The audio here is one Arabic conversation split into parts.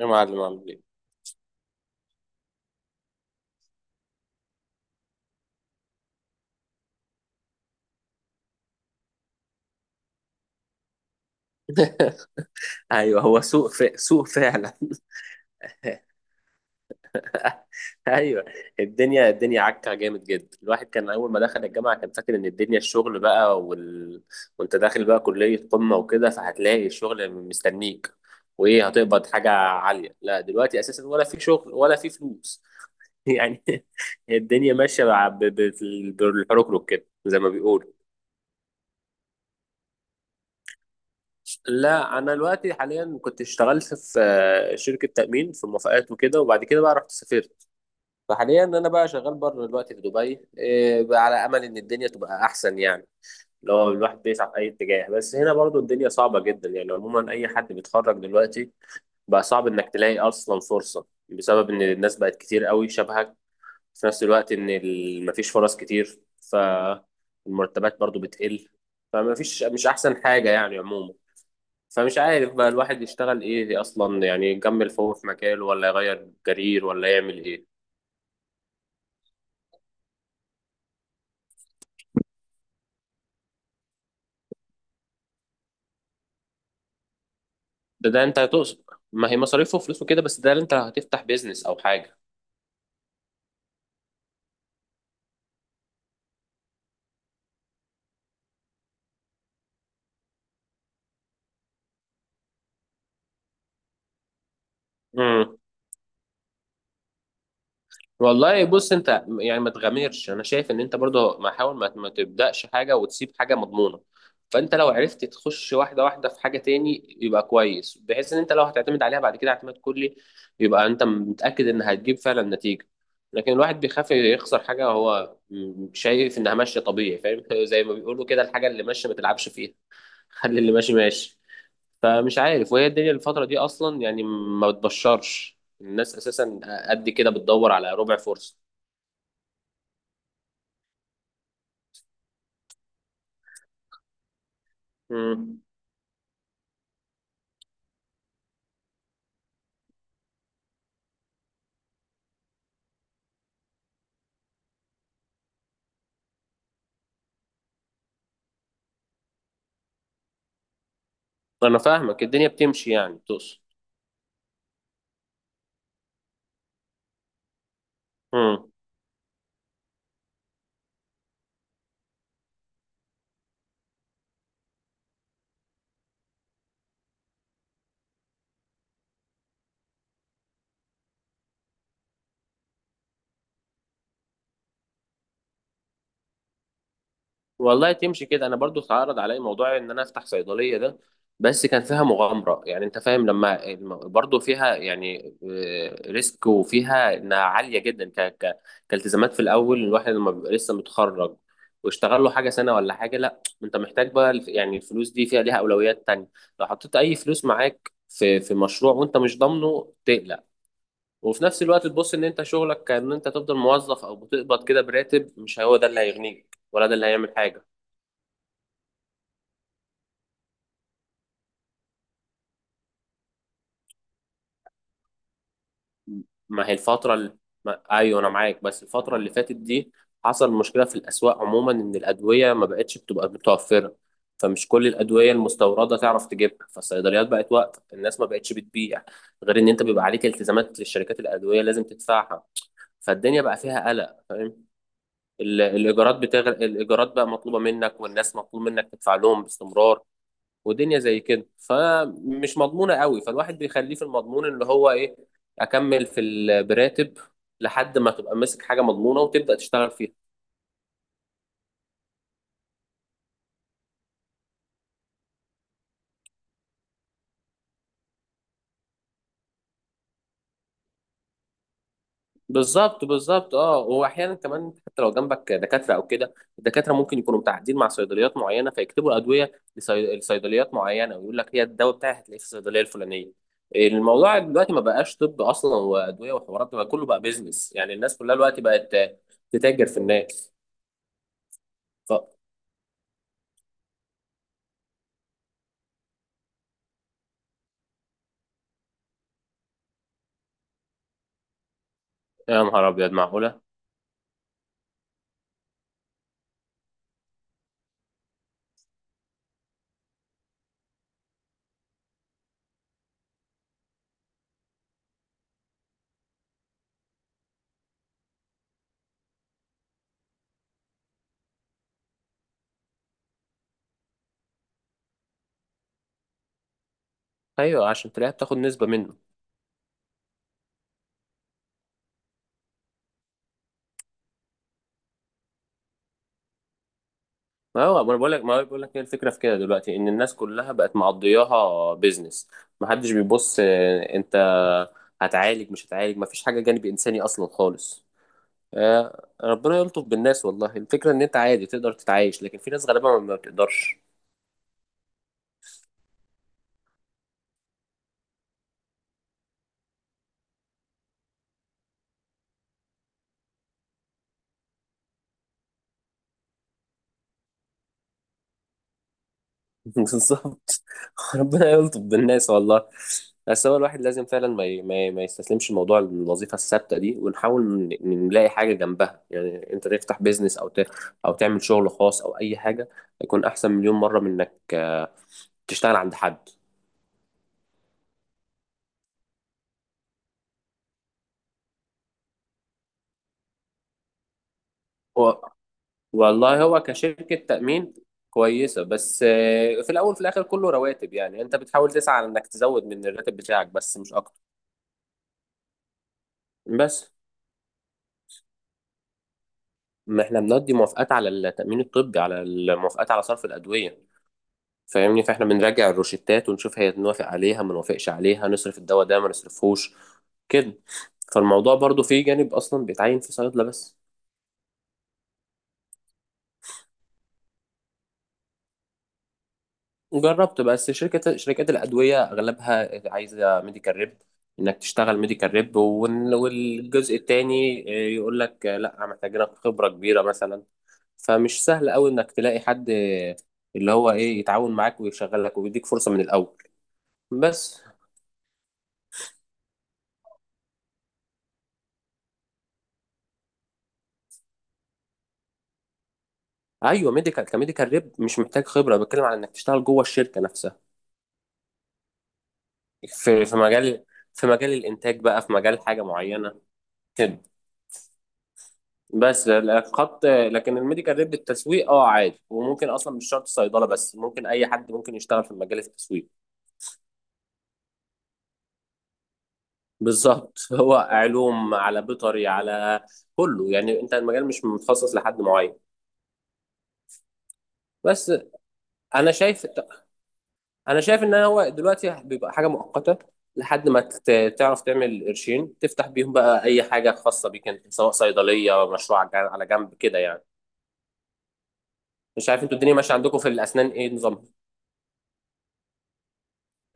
يا معلم، عامل ايه؟ ايوه، هو سوق سوق فعلا. ايوه، الدنيا عكه جامد جدا. الواحد كان اول ما دخل الجامعه كان فاكر ان الدنيا الشغل بقى وانت داخل بقى كليه قمه وكده فهتلاقي الشغل مستنيك وايه، هتقبض حاجه عاليه. لا دلوقتي اساسا ولا في شغل ولا في فلوس. يعني الدنيا ماشيه بالحركرك كده زي ما بيقولوا. لا، انا دلوقتي حاليا كنت اشتغلت في شركه تامين في موافقات وكده، وبعد كده بقى رحت سافرت. فحاليا انا بقى شغال بره دلوقتي في دبي، بقى على امل ان الدنيا تبقى احسن يعني. لو الواحد بيسعى في اي اتجاه، بس هنا برضو الدنيا صعبه جدا. يعني عموما اي حد بيتخرج دلوقتي بقى صعب انك تلاقي اصلا فرصه، بسبب ان الناس بقت كتير قوي شبهك في نفس الوقت ان مفيش فرص كتير، فالمرتبات برضو بتقل. فمفيش، مش احسن حاجه يعني عموما. فمش عارف بقى الواحد يشتغل ايه اصلا، يعني يكمل فهو في مجاله ولا يغير كارير ولا يعمل ايه. ده انت هتقصد، ما هي مصاريفه وفلوسه كده، بس ده اللي انت هتفتح بيزنس او حاجه. والله بص، انت يعني ما تغامرش. انا شايف ان انت برضه ما حاول، ما تبداش حاجه وتسيب حاجه مضمونه. فانت لو عرفت تخش واحده واحده في حاجه تاني يبقى كويس، بحيث ان انت لو هتعتمد عليها بعد كده اعتماد كلي يبقى انت متاكد ان هتجيب فعلا نتيجه. لكن الواحد بيخاف يخسر حاجه هو شايف انها ماشيه طبيعي، فاهم؟ زي ما بيقولوا كده، الحاجه اللي ماشيه ما تلعبش فيها. خلي اللي ماشي ماشي. فمش عارف، وهي الدنيا الفتره دي اصلا يعني ما بتبشرش الناس اساسا، قد كده بتدور على ربع فرصه. مم. انا فاهمك، الدنيا بتمشي يعني تقصد. مم. والله تمشي كده، انا برضو اتعرض عليا موضوع ان انا افتح صيدليه ده، بس كان فيها مغامره. يعني انت فاهم لما برضو فيها يعني، ريسك، وفيها انها عاليه جدا كالتزامات. في الاول الواحد لما بيبقى لسه متخرج واشتغل له حاجه سنه ولا حاجه، لا انت محتاج بقى يعني الفلوس دي فيها ليها اولويات تانية. لو حطيت اي فلوس معاك في مشروع وانت مش ضامنه تقلق. وفي نفس الوقت تبص ان انت شغلك كأن انت تفضل موظف، او بتقبض كده براتب، مش هو ده اللي هيغنيك ولا ده اللي هيعمل حاجة. ما هي الفترة اللي... ما... ايوه انا معاك. بس الفترة اللي فاتت دي حصل مشكلة في الاسواق عموما، ان الادوية ما بقتش بتبقى متوفرة. فمش كل الادوية المستوردة تعرف تجيبها، فالصيدليات بقت واقفة، الناس ما بقتش بتبيع. غير ان انت بيبقى عليك التزامات للشركات الادوية لازم تدفعها. فالدنيا بقى فيها قلق، فاهم؟ الايجارات بتغرق، الايجارات بقى مطلوبة منك، والناس مطلوب منك تدفع لهم باستمرار. ودنيا زي كده فمش مضمونة قوي، فالواحد بيخليه في المضمون اللي هو ايه، اكمل براتب لحد ما تبقى ماسك حاجة مضمونة وتبدأ تشتغل فيها. بالظبط بالظبط، اه. واحيانا كمان، حتى لو جنبك دكاترة او كده، الدكاترة ممكن يكونوا متعاقدين مع صيدليات معينة، فيكتبوا ادوية لصيدليات معينة ويقول لك هي الدواء بتاعي هتلاقيه في الصيدلية الفلانية. الموضوع دلوقتي ما بقاش طب اصلا وادوية وحوارات، ده بقى كله بقى بيزنس. يعني الناس كلها دلوقتي بقت تتاجر في الناس. ف... يا نهار ابيض، معقولة؟ ايوه، عشان تلاقيها بتاخد نسبه منه. ما هو ما انا بقول لك، ما هو بقول لك هي الفكره في كده دلوقتي ان الناس كلها بقت معضياها بيزنس. ما حدش بيبص انت هتعالج مش هتعالج، ما فيش حاجه جانب انساني اصلا خالص. ربنا يلطف بالناس والله. الفكره ان انت عادي تقدر تتعايش، لكن في ناس غالبا ما بتقدرش. بالظبط، ربنا يلطف بالناس والله. بس هو الواحد لازم فعلا ما يستسلمش لموضوع الوظيفه الثابته دي، ونحاول نلاقي حاجه جنبها. يعني انت تفتح بيزنس او تعمل شغل خاص او اي حاجه، يكون احسن مليون مره من انك، تشتغل عند حد. و... والله هو كشركه تامين كويسه، بس في الاول في الاخر كله رواتب. يعني انت بتحاول تسعى على انك تزود من الراتب بتاعك بس، مش اكتر. بس ما احنا بنقضي موافقات على التأمين الطبي، على الموافقات على صرف الأدوية، فاهمني؟ فاحنا بنراجع الروشتات ونشوف هي نوافق عليها ما نوافقش عليها، نصرف الدواء ده ما نصرفهوش، كده. فالموضوع برضو فيه جانب أصلا بيتعين في صيدلة بس. جربت، بس شركات الأدوية أغلبها عايزة ميديكال ريب، إنك تشتغل ميديكال ريب. والجزء التاني يقول لك لا محتاجينك خبرة كبيرة مثلا. فمش سهل قوي إنك تلاقي حد اللي هو إيه، يتعاون معاك ويشغلك ويديك فرصة من الأول. بس ايوه، ميديكال، كميديكال ريب مش محتاج خبره، بتكلم على انك تشتغل جوه الشركه نفسها، في مجال، في مجال الانتاج بقى، في مجال حاجه معينه كده. بس الخط، لكن الميديكال ريب التسويق، اه عادي، وممكن اصلا مش شرط صيدله، بس ممكن اي حد ممكن يشتغل في مجال التسويق. بالظبط. هو علوم، على بيطري، على كله يعني، انت المجال مش متخصص لحد معين. بس انا شايف، انا شايف ان هو دلوقتي بيبقى حاجه مؤقته، لحد ما تعرف تعمل قرشين تفتح بيهم بقى اي حاجه خاصه بيك انت، سواء صيدليه، مشروع على جنب، على جنب كده يعني. مش عارف انتوا الدنيا ماشيه عندكم في الاسنان ايه نظامها؟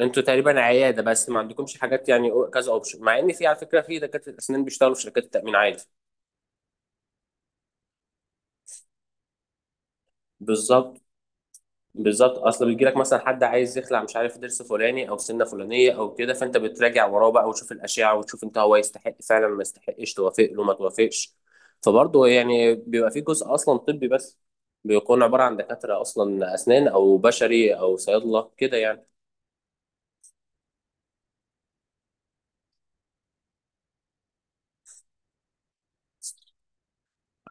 انتوا تقريبا عياده بس، ما عندكمش حاجات يعني، أو- كذا اوبشن، مع ان في، على فكره، في دكاتره اسنان بيشتغلوا في شركات التامين عادي. بالظبط بالظبط، اصل بيجي لك مثلا حد عايز يخلع مش عارف ضرس فلاني او سنه فلانيه او كده، فانت بتراجع وراه بقى، وتشوف الاشعه، وتشوف انت هو يستحق فعلا ما يستحقش، توافق له ما توافقش. فبرضه يعني بيبقى في جزء اصلا طبي، بس بيكون عباره عن دكاتره اصلا اسنان او بشري او صيادله كده يعني.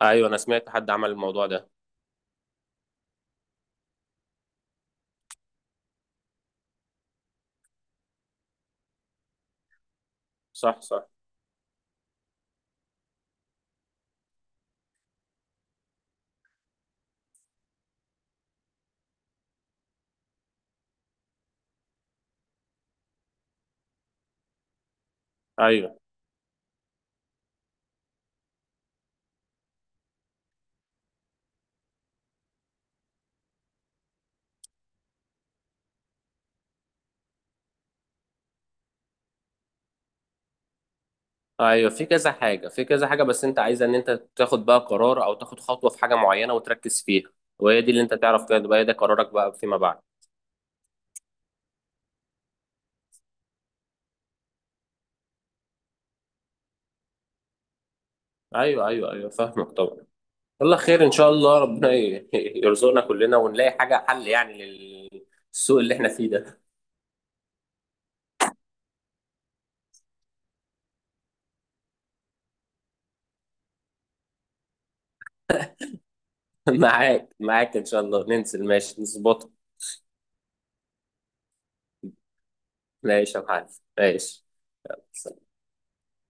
ايوه، انا سمعت حد عمل الموضوع ده. صح صح. ايوه ايوه، في كذا حاجه، في كذا حاجه بس انت عايز ان انت تاخد بقى قرار او تاخد خطوه في حاجه معينه وتركز فيها، وهي دي اللي انت تعرف كده بقى، ده قرارك بقى فيما بعد. ايوه ايوه ايوه، فاهمك طبعا. والله، خير ان شاء الله، ربنا يرزقنا كلنا ونلاقي حاجه حل يعني للسوق اللي احنا فيه ده. معاك معاك، ان شاء الله ننزل، ماشي نظبطه. ماشي يا معلم. ماشي.